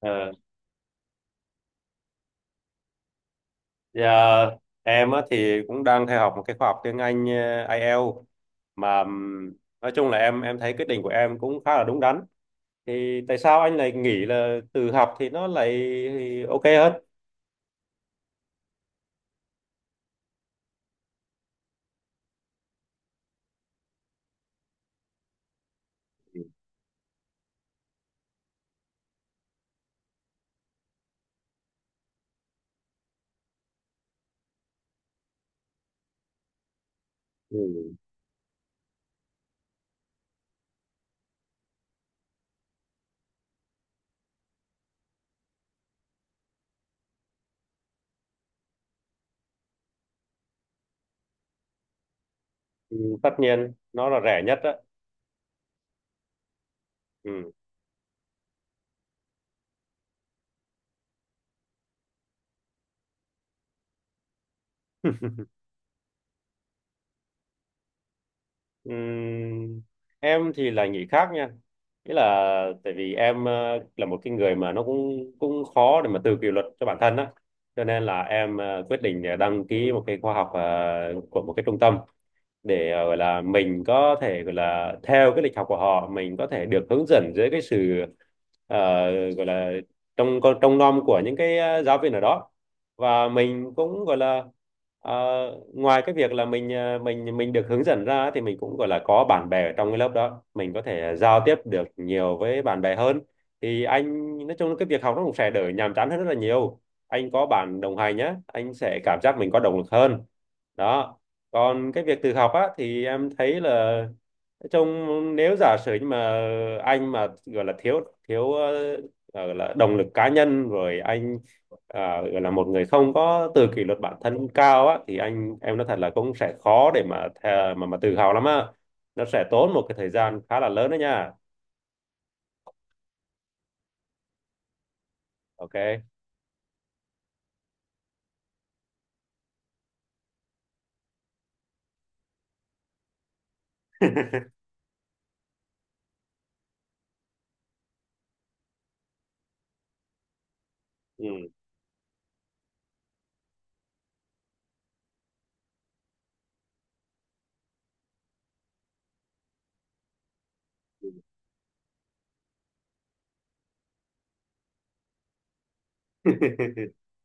Ờ, dạ, em á, thì cũng đang theo học một cái khóa học tiếng Anh IELTS mà nói chung là em thấy quyết định của em cũng khá là đúng đắn. Thì tại sao anh lại nghĩ là tự học thì nó lại ok hơn? Ừ. Ừ, tất nhiên nó là rẻ nhất đó. Ừ. Ừm, em thì là nghĩ khác nha, nghĩa là tại vì em là một cái người mà nó cũng cũng khó để mà tự kỷ luật cho bản thân á, cho nên là em quyết định để đăng ký một cái khóa học của một cái trung tâm để gọi là mình có thể gọi là theo cái lịch học của họ, mình có thể được hướng dẫn dưới cái sự gọi là trong nom của những cái giáo viên ở đó, và mình cũng gọi là ờ, ngoài cái việc là mình mình được hướng dẫn ra thì mình cũng gọi là có bạn bè ở trong cái lớp đó, mình có thể giao tiếp được nhiều với bạn bè hơn, thì anh nói chung là cái việc học nó cũng sẽ đỡ nhàm chán hơn rất là nhiều. Anh có bạn đồng hành nhé, anh sẽ cảm giác mình có động lực hơn. Đó. Còn cái việc tự học á thì em thấy là nói chung, nếu giả sử nhưng mà anh mà gọi là thiếu thiếu gọi là động lực cá nhân rồi anh, à, gọi là một người không có tự kỷ luật bản thân cao á, thì anh em nói thật là cũng sẽ khó để mà mà tự hào lắm á. Nó sẽ tốn một cái thời gian khá là lớn đó nha. Ok. Ừ.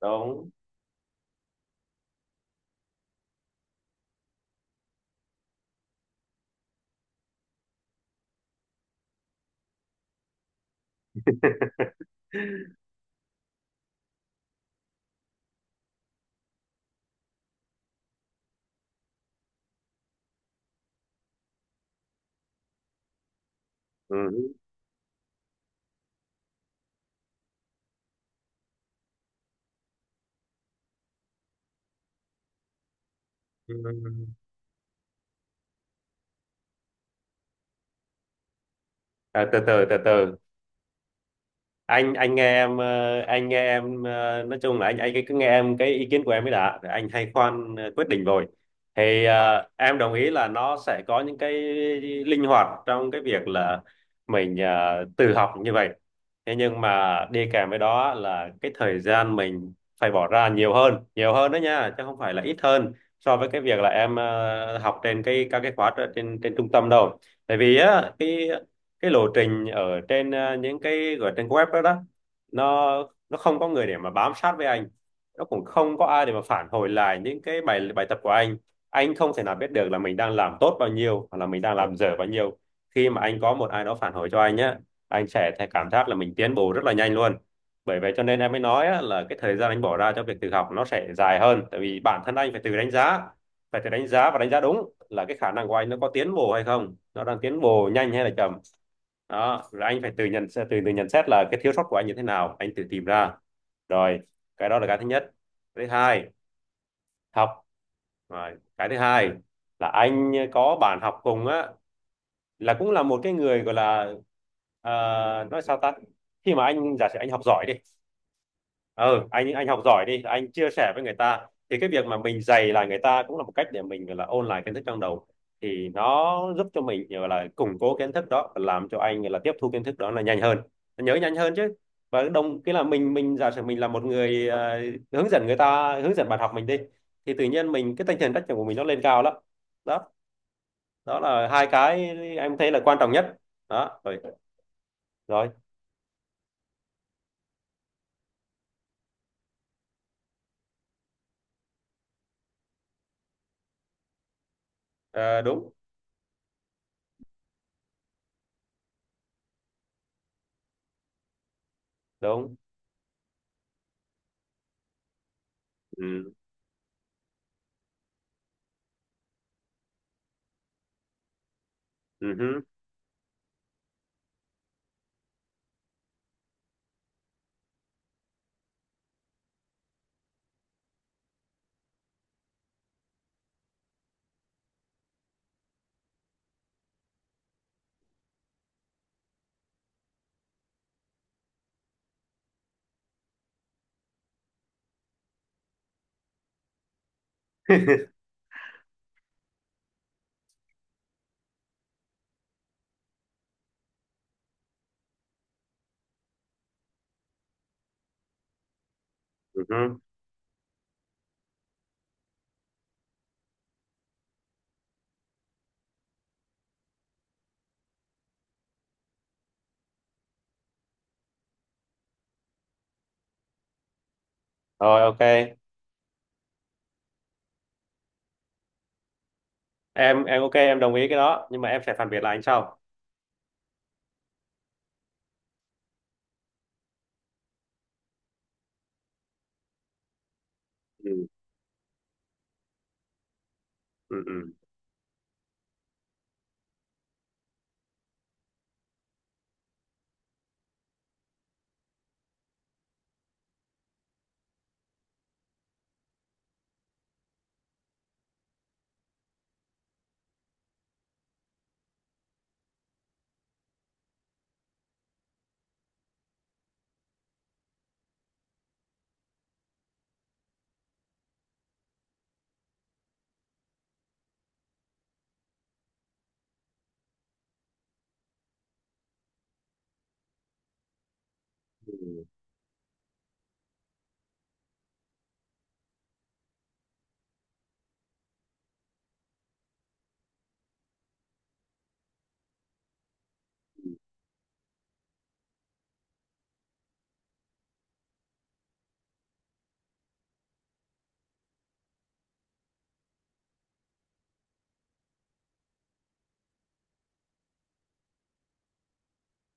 Đúng. Ừ. Ừ. À, từ từ từ từ, anh nghe em nói chung là anh cứ nghe em cái ý kiến của em mới đã. Rồi anh hay khoan quyết định rồi. Thì em đồng ý là nó sẽ có những cái linh hoạt trong cái việc là mình tự học như vậy, thế nhưng mà đi kèm với đó là cái thời gian mình phải bỏ ra nhiều hơn, nhiều hơn đó nha, chứ không phải là ít hơn so với cái việc là em học trên cái các cái khóa trên trên trung tâm đâu. Tại vì á cái lộ trình ở trên những cái gọi trên web đó, đó, nó không có người để mà bám sát với anh, nó cũng không có ai để mà phản hồi lại những cái bài bài tập của anh. Anh không thể nào biết được là mình đang làm tốt bao nhiêu hoặc là mình đang làm dở bao nhiêu. Khi mà anh có một ai đó phản hồi cho anh nhé, anh sẽ thấy cảm giác là mình tiến bộ rất là nhanh luôn. Bởi vậy cho nên em mới nói á, là cái thời gian anh bỏ ra cho việc tự học nó sẽ dài hơn, tại vì bản thân anh phải tự đánh giá, phải tự đánh giá và đánh giá đúng là cái khả năng của anh nó có tiến bộ hay không, nó đang tiến bộ nhanh hay là chậm. Đó rồi anh phải tự nhận từ từ nhận xét là cái thiếu sót của anh như thế nào, anh tự tìm ra. Rồi, cái đó là cái thứ nhất. Cái thứ hai, học, rồi cái thứ hai là anh có bạn học cùng á, là cũng là một cái người gọi là ờ, nói sao ta, khi mà anh giả sử anh học giỏi đi. Ừ, anh học giỏi đi, anh chia sẻ với người ta thì cái việc mà mình dày là người ta cũng là một cách để mình gọi là ôn lại kiến thức trong đầu, thì nó giúp cho mình gọi là củng cố kiến thức đó và làm cho anh là tiếp thu kiến thức đó là nhanh hơn, nhớ nhanh hơn chứ. Và đồng cái là mình giả sử mình là một người hướng dẫn người ta, hướng dẫn bạn học mình đi, thì tự nhiên mình cái tinh thần trách nhiệm của mình nó lên cao lắm. Đó, đó là hai cái em thấy là quan trọng nhất. Đó rồi. Rồi. Ờ, đúng đúng. Ừ. Ừ. Hứ. Ừ. Hứ. Rồi ok. Em ok, em đồng ý cái đó nhưng mà em sẽ phản biện lại anh sau. Ừ. Ừ, ừ. Ừ.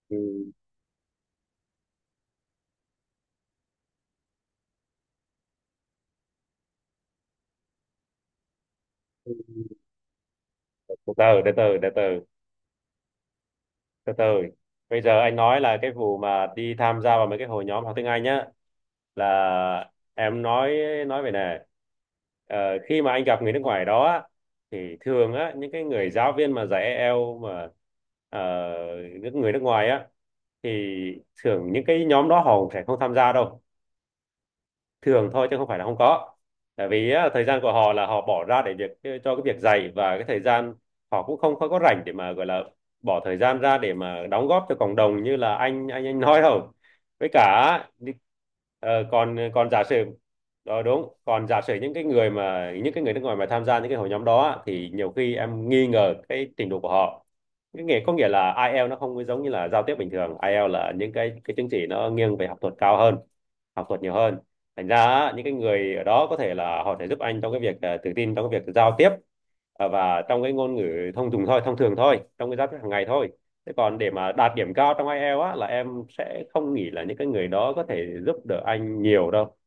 Ừ. Ừ. Từ từ từ từ từ từ từ từ, bây giờ anh nói là cái vụ mà đi tham gia vào mấy cái hội nhóm học tiếng Anh nhá, là em nói về này. Ờ, khi mà anh gặp người nước ngoài đó á, thì thường á những cái người giáo viên mà dạy EL mà ờ, người nước ngoài á, thì thường những cái nhóm đó họ sẽ không tham gia đâu, thường thôi chứ không phải là không có. Tại vì á, thời gian của họ là họ bỏ ra để việc cho cái việc dạy và cái thời gian họ cũng không có rảnh để mà gọi là bỏ thời gian ra để mà đóng góp cho cộng đồng như là anh nói đâu. Với cả đi- còn còn giả sử. Đó đúng, còn giả sử những cái người mà những cái người nước ngoài mà tham gia những cái hội nhóm đó á, thì nhiều khi em nghi ngờ cái trình độ của họ. Cái nghĩa có nghĩa là IELTS nó không có giống như là giao tiếp bình thường, IELTS là những cái chứng chỉ nó nghiêng về học thuật cao hơn, học thuật nhiều hơn. Thành ra những cái người ở đó có thể là họ sẽ giúp anh trong cái việc à, tự tin trong cái việc giao tiếp, à, và trong cái ngôn ngữ thông dụng thôi, thông thường thôi, trong cái giao tiếp hàng ngày thôi. Thế còn để mà đạt điểm cao trong IELTS á, là em sẽ không nghĩ là những cái người đó có thể giúp đỡ anh nhiều đâu.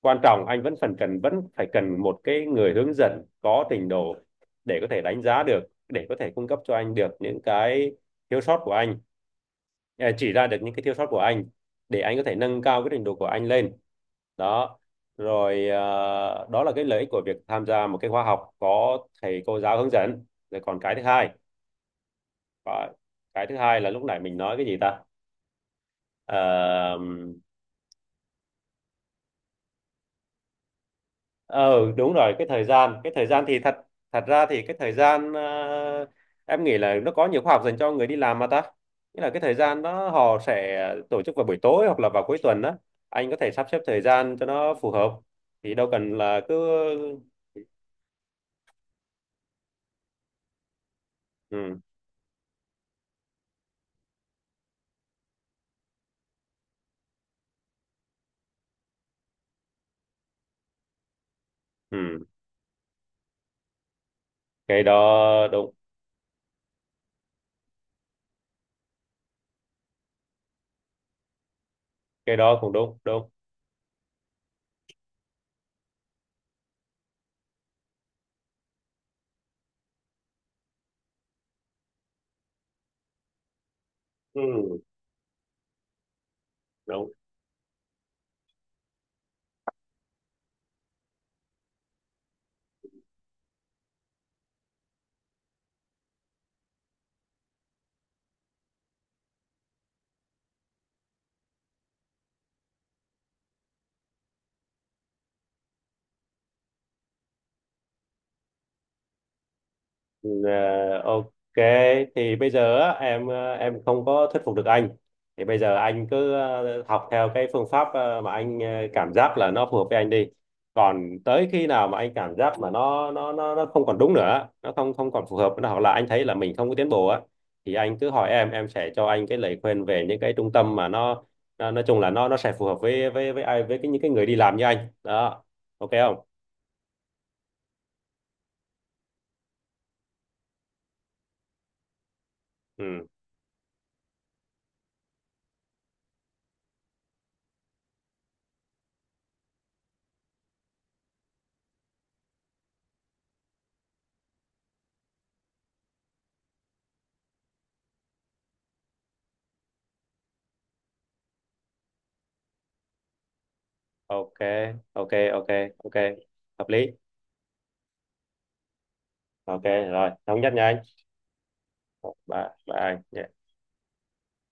Quan trọng anh vẫn phải cần một cái người hướng dẫn có trình độ để có thể đánh giá được, để có thể cung cấp cho anh được những cái thiếu sót của anh, à, chỉ ra được những cái thiếu sót của anh để anh có thể nâng cao cái trình độ của anh lên. Đó rồi, à, đó là cái lợi ích của việc tham gia một cái khóa học có thầy cô giáo hướng dẫn. Rồi còn cái thứ hai, có- cái thứ hai là lúc nãy mình nói cái gì ta. Ờ, ờ đúng rồi, cái thời gian, cái thời gian thì thật thật ra thì cái thời gian em nghĩ là nó có nhiều khóa học dành cho người đi làm mà ta, nghĩa là cái thời gian đó họ sẽ tổ chức vào buổi tối hoặc là vào cuối tuần đó. Anh có thể sắp xếp thời gian cho nó phù hợp, thì đâu cần là cứ. Ừ, ừ. Cái đó đúng. Cái đó cũng đúng, đúng. Ừ, đúng. Ừ, à, ok. Thì bây giờ á, em à, em không có thuyết phục được anh, thì bây giờ anh cứ à, học theo cái phương pháp à, mà anh à, cảm giác là nó phù hợp với anh đi, còn tới khi nào mà anh cảm giác mà nó không còn đúng nữa, nó không không còn phù hợp nữa, hoặc là anh thấy là mình không có tiến bộ á, thì anh cứ hỏi em sẽ cho anh cái lời khuyên về những cái trung tâm mà nó nói chung là nó sẽ phù hợp với với ai, với cái những cái người đi làm như anh đó. Ok không? Ừ ok ok. Ok ok, hợp lý. Ok rồi thống nhất nha anh. Một ba ba anh.